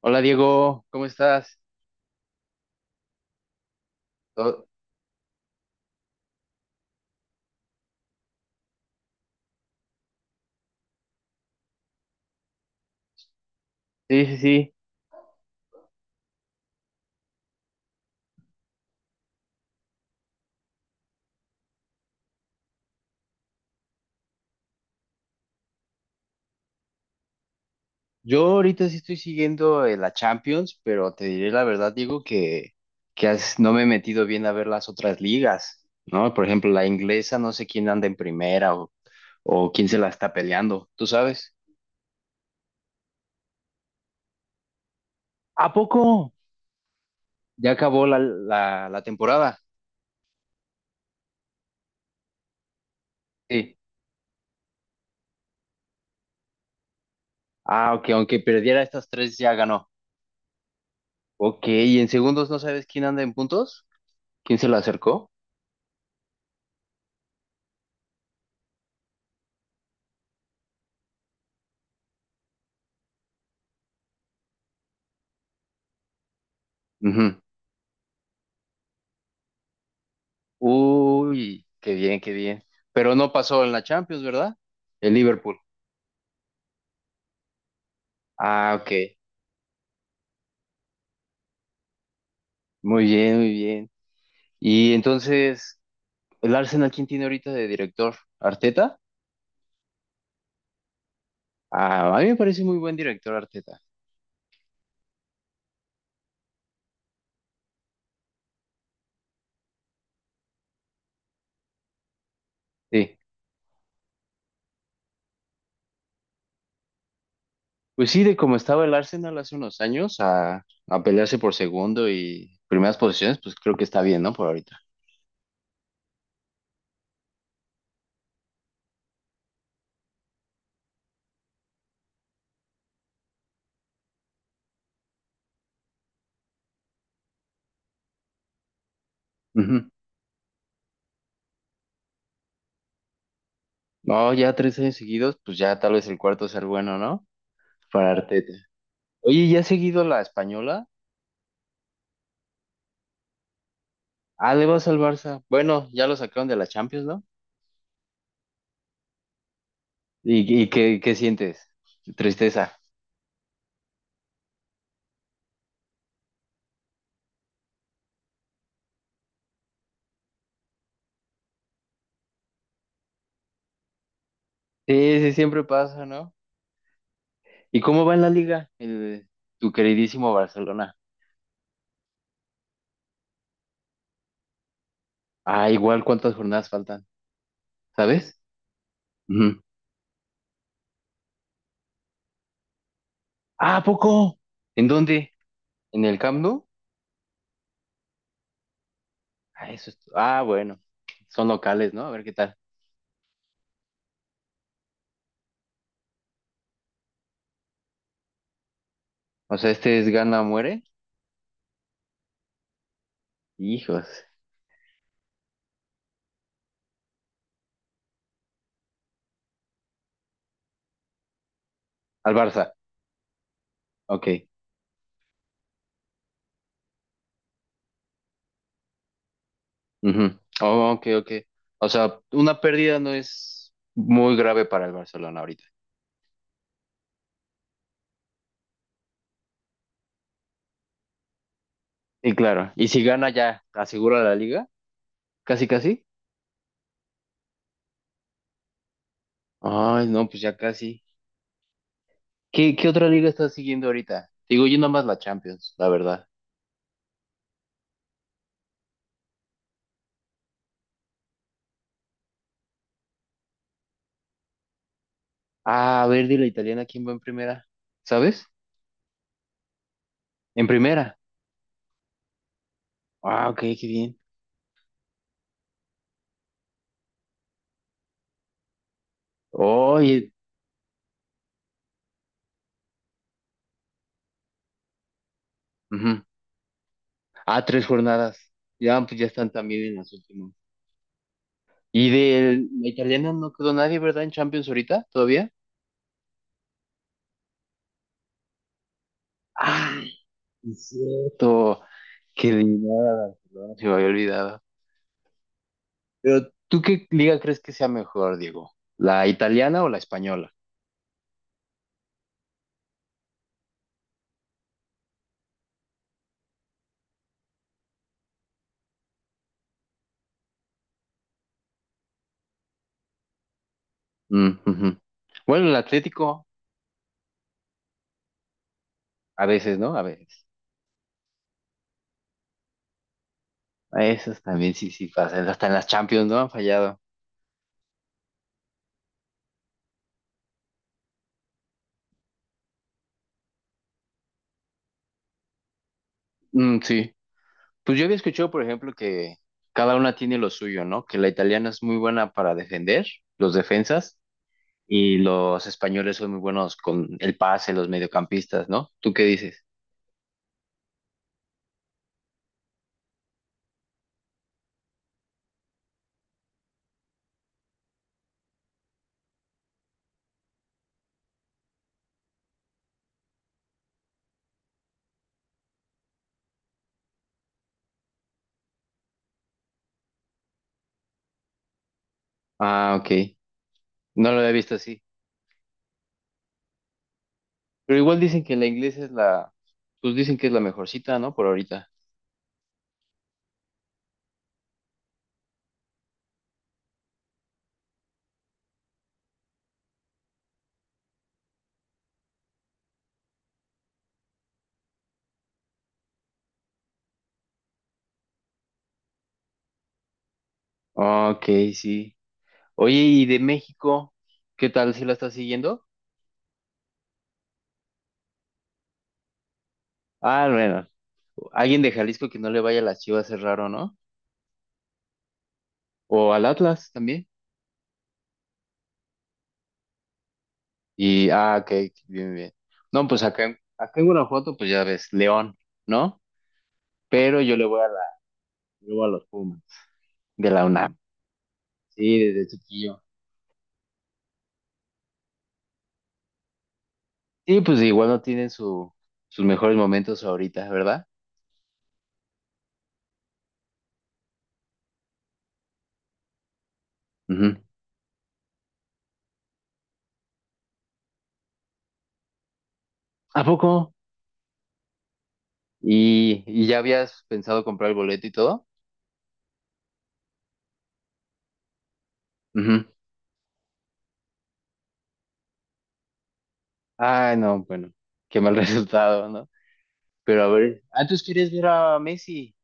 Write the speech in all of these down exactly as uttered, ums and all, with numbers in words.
Hola Diego, ¿cómo estás? To- Sí, sí, sí. Yo ahorita sí estoy siguiendo eh, la Champions, pero te diré la verdad, Diego, que, que has- no me he metido bien a ver las otras ligas, ¿no? Por ejemplo, la inglesa, no sé quién anda en primera o, o quién se la está peleando, ¿tú sabes? ¿A poco? Ya acabó la, la, la temporada. Sí. Ah, ok, aunque perdiera estas tres ya ganó. Ok, ¿y en segundos no sabes quién anda en puntos? ¿Quién se la acercó? Ujú. Uy, qué bien, qué bien. Pero no pasó en la Champions, ¿verdad? El Liverpool. Ah, ok. Muy bien, muy bien. Y entonces, ¿el Arsenal quién tiene ahorita de director? ¿Arteta? Ah, a mí me parece muy buen director Arteta. Sí. Pues sí, de cómo estaba el Arsenal hace unos años a, a pelearse por segundo y primeras posiciones, pues creo que está bien, ¿no? Por ahorita. Ujú. No, ya tres años seguidos, pues ya tal vez el cuarto sea el bueno, ¿no? Para Arteta. Oye, ¿ya has seguido la española? Ah, le vas al Barça. Bueno, ya lo sacaron de la Champions, ¿no? ¿Y, y qué, qué sientes? Tristeza. Sí, sí, siempre pasa, ¿no? ¿Y cómo va en la liga? El- tu queridísimo Barcelona. Ah, igual cuántas jornadas faltan, ¿sabes? Ujú. Ah, ¿a poco? ¿En dónde? ¿En el Camp Nou? Ah, eso es- ah, bueno. Son locales, ¿no? A ver qué tal. O sea, este es gana o muere. Hijos. Al Barça. Ok. Ujú. Oh, ok, ok. O sea, una pérdida no es muy grave para el Barcelona ahorita. Y claro, y si gana ya asegura la liga, casi casi. Ay, no, pues ya casi. ¿Qué, qué otra liga estás siguiendo ahorita? Digo, yo nomás la Champions, la verdad. Ah, a ver, de la italiana, ¿quién va en primera? ¿Sabes? En primera. Ah, ok, qué bien. Oye, ujú. Ah, tres jornadas. Ya, pues ya están también en las últimas. Y de la italiana no quedó nadie, ¿verdad? En Champions ahorita, todavía. Ah, es cierto, que eliminaron a Barcelona, se me había olvidado. Pero, ¿tú qué liga crees que sea mejor, Diego? ¿La italiana o la española? Mm, ujú. Bueno, el Atlético, a veces, ¿no? A veces. A esas también sí, sí pasan. Hasta en las Champions, ¿no? Han fallado. Mm, sí. Pues yo había escuchado, por ejemplo, que cada una tiene lo suyo, ¿no? Que la italiana es muy buena para defender, los defensas, y los españoles son muy buenos con el pase, los mediocampistas, ¿no? ¿Tú qué dices? Ah, ok. No lo había visto así. Pero igual dicen que la iglesia es la, pues dicen que es la mejorcita, ¿no? Por ahorita. Ah, ok, sí. Oye, ¿y de México? ¿Qué tal si la estás siguiendo? Ah, bueno, alguien de Jalisco que no le vaya a las Chivas es raro, ¿no? O al Atlas también. Y, ah, ok, bien, bien. No, pues acá, en- acá en Guanajuato, pues ya ves, León, ¿no? Pero yo le voy a la, le voy a los Pumas, de la UNAM. Sí, desde chiquillo. Sí, pues igual no tienen su, sus mejores momentos ahorita, ¿verdad? Ujú. ¿A poco? Y, y ya habías pensado comprar el boleto y todo. Ujú. Ay, no, bueno, qué mal resultado, ¿no? Pero a ver, ¿ah, tú quieres ver a Messi?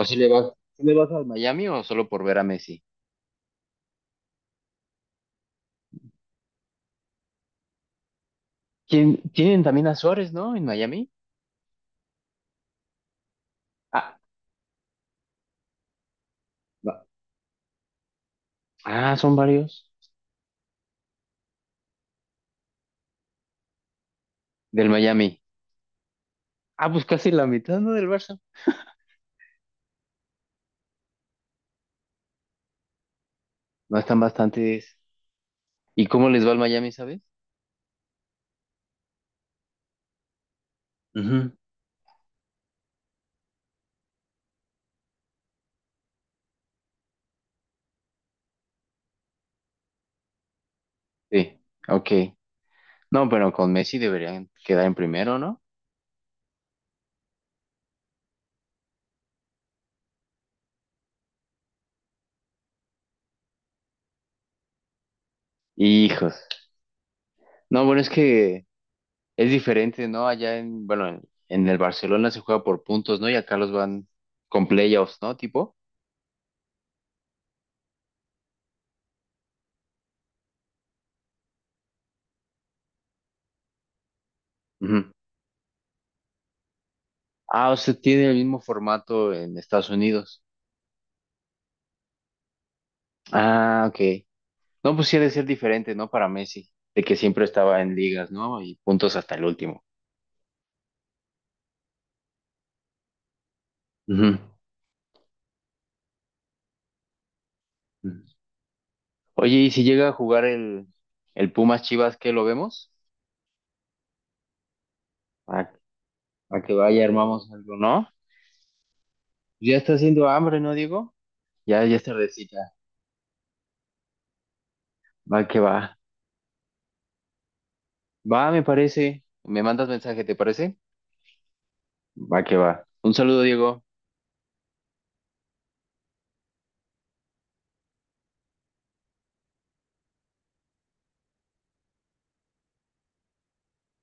¿O si le vas, si le vas al Miami o solo por ver a Messi? ¿Quién, tienen también a Suárez, ¿no? En Miami. Ah, no. Ah, son varios del Miami. Ah, pues casi la mitad, ¿no? Del Barça. No están bastantes. ¿Y cómo les va al Miami, sabes? Ujú. Sí, ok. No, pero con Messi deberían quedar en primero, ¿no? Hijos. No, bueno, es que es diferente, ¿no? Allá en, bueno, en, en el Barcelona se juega por puntos, ¿no? Y acá los van con playoffs, ¿no? Tipo. Ujú. Ah, o sea, tiene el mismo formato en Estados Unidos. Ah, ok. No, pues sí ha de ser diferente, ¿no? Para Messi, de que siempre estaba en ligas, ¿no? Y puntos hasta el último. Ujú. Ujú. Oye, ¿y si llega a jugar el, el Pumas Chivas, qué lo vemos? A, a que vaya, armamos algo, ¿no? Ya está haciendo hambre, ¿no, Diego? Ya, ya es tardecita. Va que va. Va, me parece. Me mandas mensaje, ¿te parece? Va que va. Un saludo, Diego.